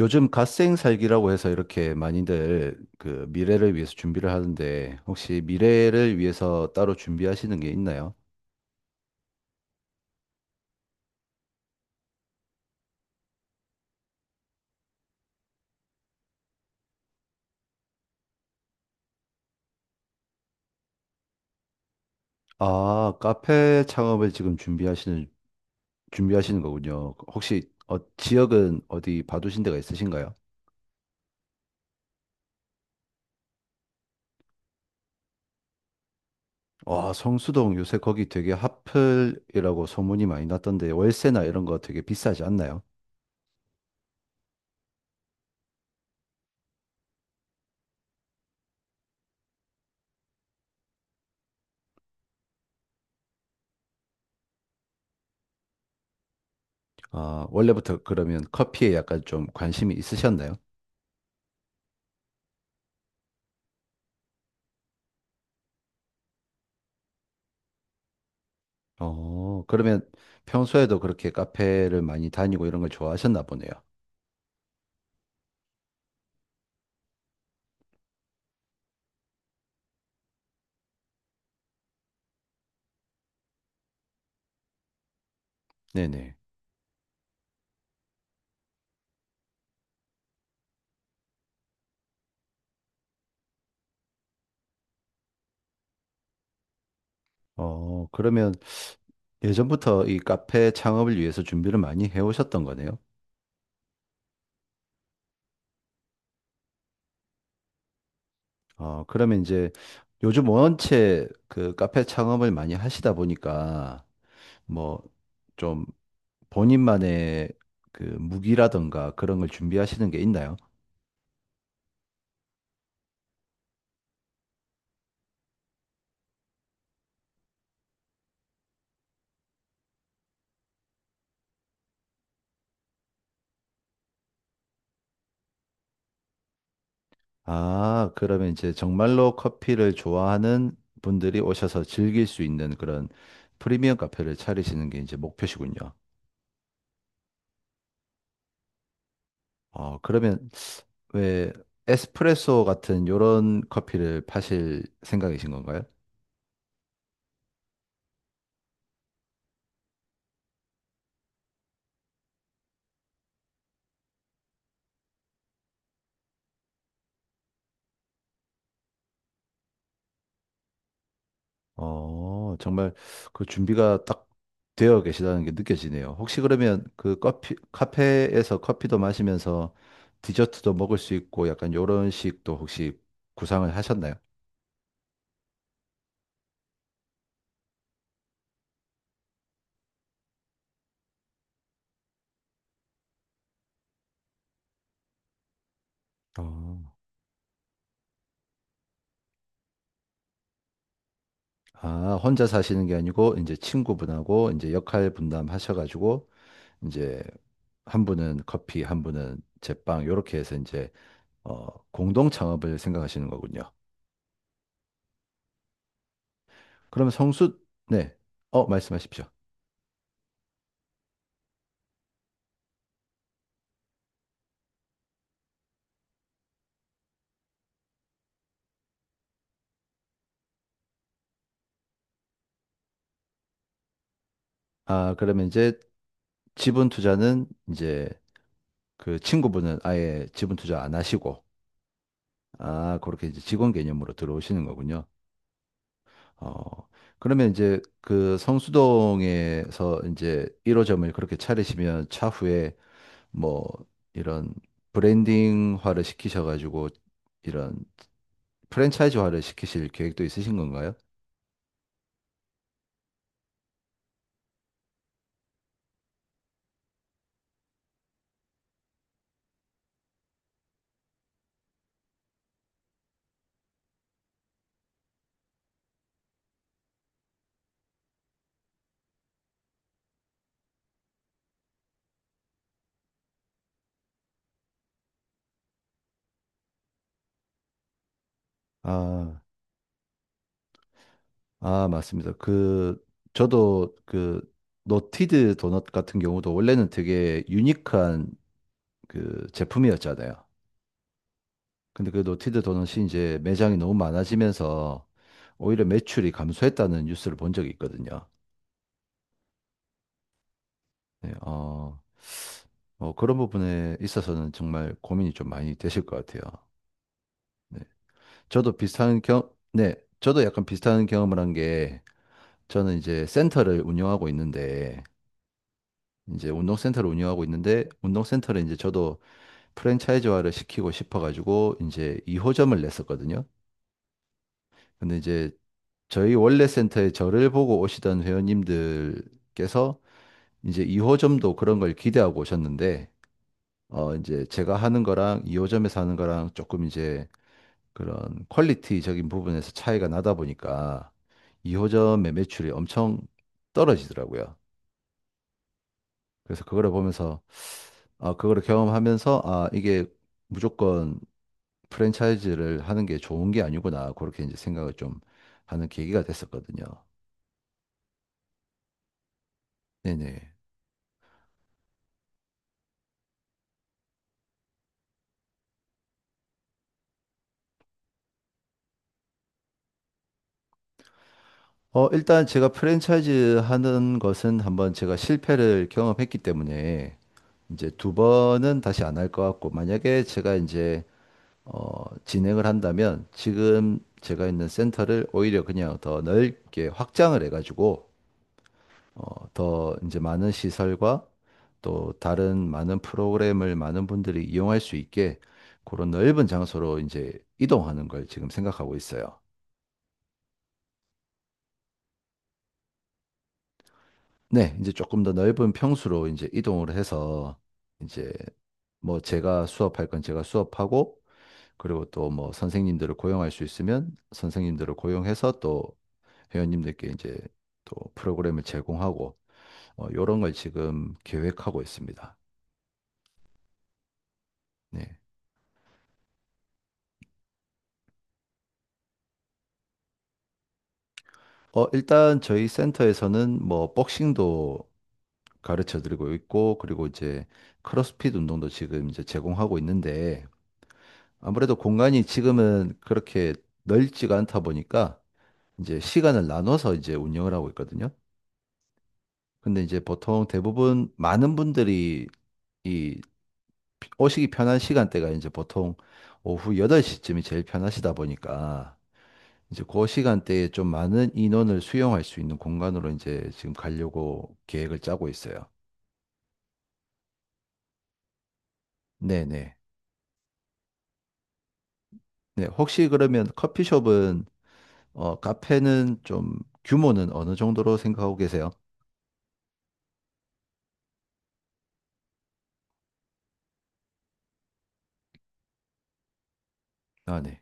요즘 갓생 살기라고 해서 이렇게 많이들 그 미래를 위해서 준비를 하는데 혹시 미래를 위해서 따로 준비하시는 게 있나요? 아, 카페 창업을 지금 준비하시는 거군요. 혹시 지역은 어디 봐두신 데가 있으신가요? 와, 성수동 요새 거기 되게 핫플이라고 소문이 많이 났던데 월세나 이런 거 되게 비싸지 않나요? 아, 원래부터 그러면 커피에 약간 좀 관심이 있으셨나요? 그러면 평소에도 그렇게 카페를 많이 다니고 이런 걸 좋아하셨나 보네요. 네네. 그러면 예전부터 이 카페 창업을 위해서 준비를 많이 해오셨던 거네요. 그러면 이제 요즘 원체 그 카페 창업을 많이 하시다 보니까 뭐 좀 본인만의 그 무기라든가 그런 걸 준비하시는 게 있나요? 아, 그러면 이제 정말로 커피를 좋아하는 분들이 오셔서 즐길 수 있는 그런 프리미엄 카페를 차리시는 게 이제 목표시군요. 그러면 왜 에스프레소 같은 요런 커피를 파실 생각이신 건가요? 정말 그 준비가 딱 되어 계시다는 게 느껴지네요. 혹시 그러면 그 커피, 카페에서 커피도 마시면서 디저트도 먹을 수 있고 약간 요런 식도 혹시 구상을 하셨나요? 어. 아, 혼자 사시는 게 아니고 이제 친구분하고 이제 역할 분담하셔 가지고 이제 한 분은 커피, 한 분은 제빵 요렇게 해서 이제 공동 창업을 생각하시는 거군요. 그럼 성수 네. 말씀하십시오. 아, 그러면 이제 지분 투자는 이제 그 친구분은 아예 지분 투자 안 하시고 아, 그렇게 이제 직원 개념으로 들어오시는 거군요. 어. 그러면 이제 그 성수동에서 이제 1호점을 그렇게 차리시면 차후에 뭐 이런 브랜딩화를 시키셔가지고 이런 프랜차이즈화를 시키실 계획도 있으신 건가요? 아, 맞습니다. 그 저도 그 노티드 도넛 같은 경우도 원래는 되게 유니크한 그 제품이었잖아요. 근데 그 노티드 도넛이 이제 매장이 너무 많아지면서 오히려 매출이 감소했다는 뉴스를 본 적이 있거든요. 네, 뭐 그런 부분에 있어서는 정말 고민이 좀 많이 되실 것 같아요. 네. 저도 비슷한 경, 네, 저도 약간 비슷한 경험을 한 게, 저는 이제 센터를 운영하고 있는데, 이제 운동센터를 운영하고 있는데, 운동센터를 이제 저도 프랜차이즈화를 시키고 싶어가지고, 이제 2호점을 냈었거든요. 근데 이제 저희 원래 센터에 저를 보고 오시던 회원님들께서 이제 2호점도 그런 걸 기대하고 오셨는데, 이제 제가 하는 거랑 2호점에서 하는 거랑 조금 이제 그런 퀄리티적인 부분에서 차이가 나다 보니까 2호점의 매출이 엄청 떨어지더라고요. 그래서 그거를 보면서 아, 그거를 경험하면서 아, 이게 무조건 프랜차이즈를 하는 게 좋은 게 아니구나. 그렇게 이제 생각을 좀 하는 계기가 됐었거든요. 네네. 일단 제가 프랜차이즈 하는 것은 한번 제가 실패를 경험했기 때문에 이제 두 번은 다시 안 할 것 같고, 만약에 제가 이제 진행을 한다면 지금 제가 있는 센터를 오히려 그냥 더 넓게 확장을 해가지고 더 이제 많은 시설과 또 다른 많은 프로그램을 많은 분들이 이용할 수 있게 그런 넓은 장소로 이제 이동하는 걸 지금 생각하고 있어요. 네, 이제 조금 더 넓은 평수로 이제 이동을 해서 이제 뭐 제가 수업할 건 제가 수업하고 그리고 또 뭐 선생님들을 고용할 수 있으면 선생님들을 고용해서 또 회원님들께 이제 또 프로그램을 제공하고 런걸 지금 계획하고 있습니다. 네. 일단 저희 센터에서는 뭐 복싱도 가르쳐 드리고 있고 그리고 이제 크로스핏 운동도 지금 이제 제공하고 있는데 아무래도 공간이 지금은 그렇게 넓지가 않다 보니까 이제 시간을 나눠서 이제 운영을 하고 있거든요. 근데 이제 보통 대부분 많은 분들이 이 오시기 편한 시간대가 이제 보통 오후 8시쯤이 제일 편하시다 보니까 이제 그 시간대에 좀 많은 인원을 수용할 수 있는 공간으로 이제 지금 가려고 계획을 짜고 있어요. 네네. 네, 혹시 그러면 커피숍은, 카페는 좀 규모는 어느 정도로 생각하고 계세요? 아, 네.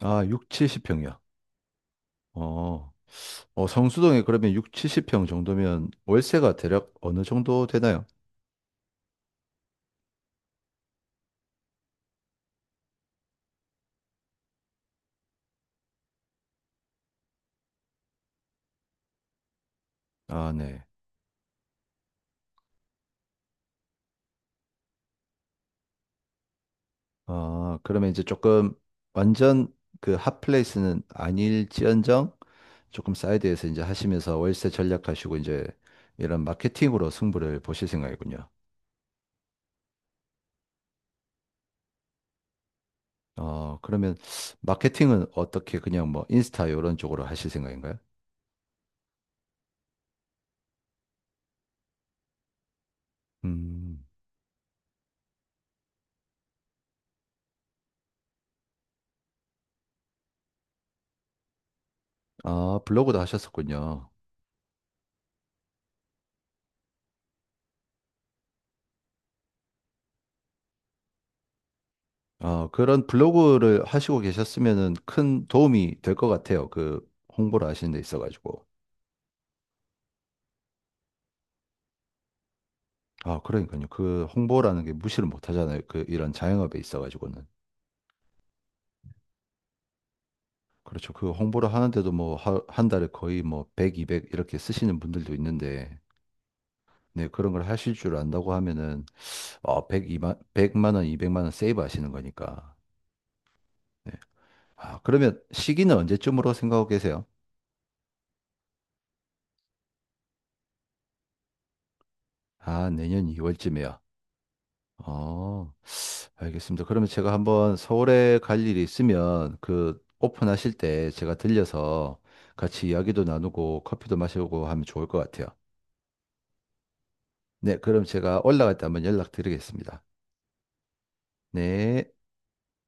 아, 6, 70평이요. 어, 성수동에 그러면 6, 70평 정도면 월세가 대략 어느 정도 되나요? 아, 네. 아, 그러면 이제 조금 완전 그 핫플레이스는 아닐지언정 조금 사이드에서 이제 하시면서 월세 전략하시고 이제 이런 마케팅으로 승부를 보실 생각이군요. 그러면 마케팅은 어떻게 그냥 뭐 인스타 이런 쪽으로 하실 생각인가요? 음, 아, 블로그도 하셨었군요. 그런 블로그를 하시고 계셨으면은 큰 도움이 될 것 같아요. 그 홍보를 하시는 데 있어가지고. 아, 그러니까요. 그 홍보라는 게 무시를 못 하잖아요. 그 이런 자영업에 있어가지고는. 그렇죠. 그 홍보를 하는데도 뭐 한 달에 거의 뭐 100, 200 이렇게 쓰시는 분들도 있는데, 네, 그런 걸 하실 줄 안다고 하면은, 100, 만백만 원, 200만 원 세이브 하시는 거니까. 네. 아, 그러면 시기는 언제쯤으로 생각하고 계세요? 아, 내년 2월쯤이요. 어, 알겠습니다. 그러면 제가 한번 서울에 갈 일이 있으면 그 오픈하실 때 제가 들려서 같이 이야기도 나누고 커피도 마시고 하면 좋을 것 같아요. 네, 그럼 제가 올라갈 때 한번 연락드리겠습니다. 네.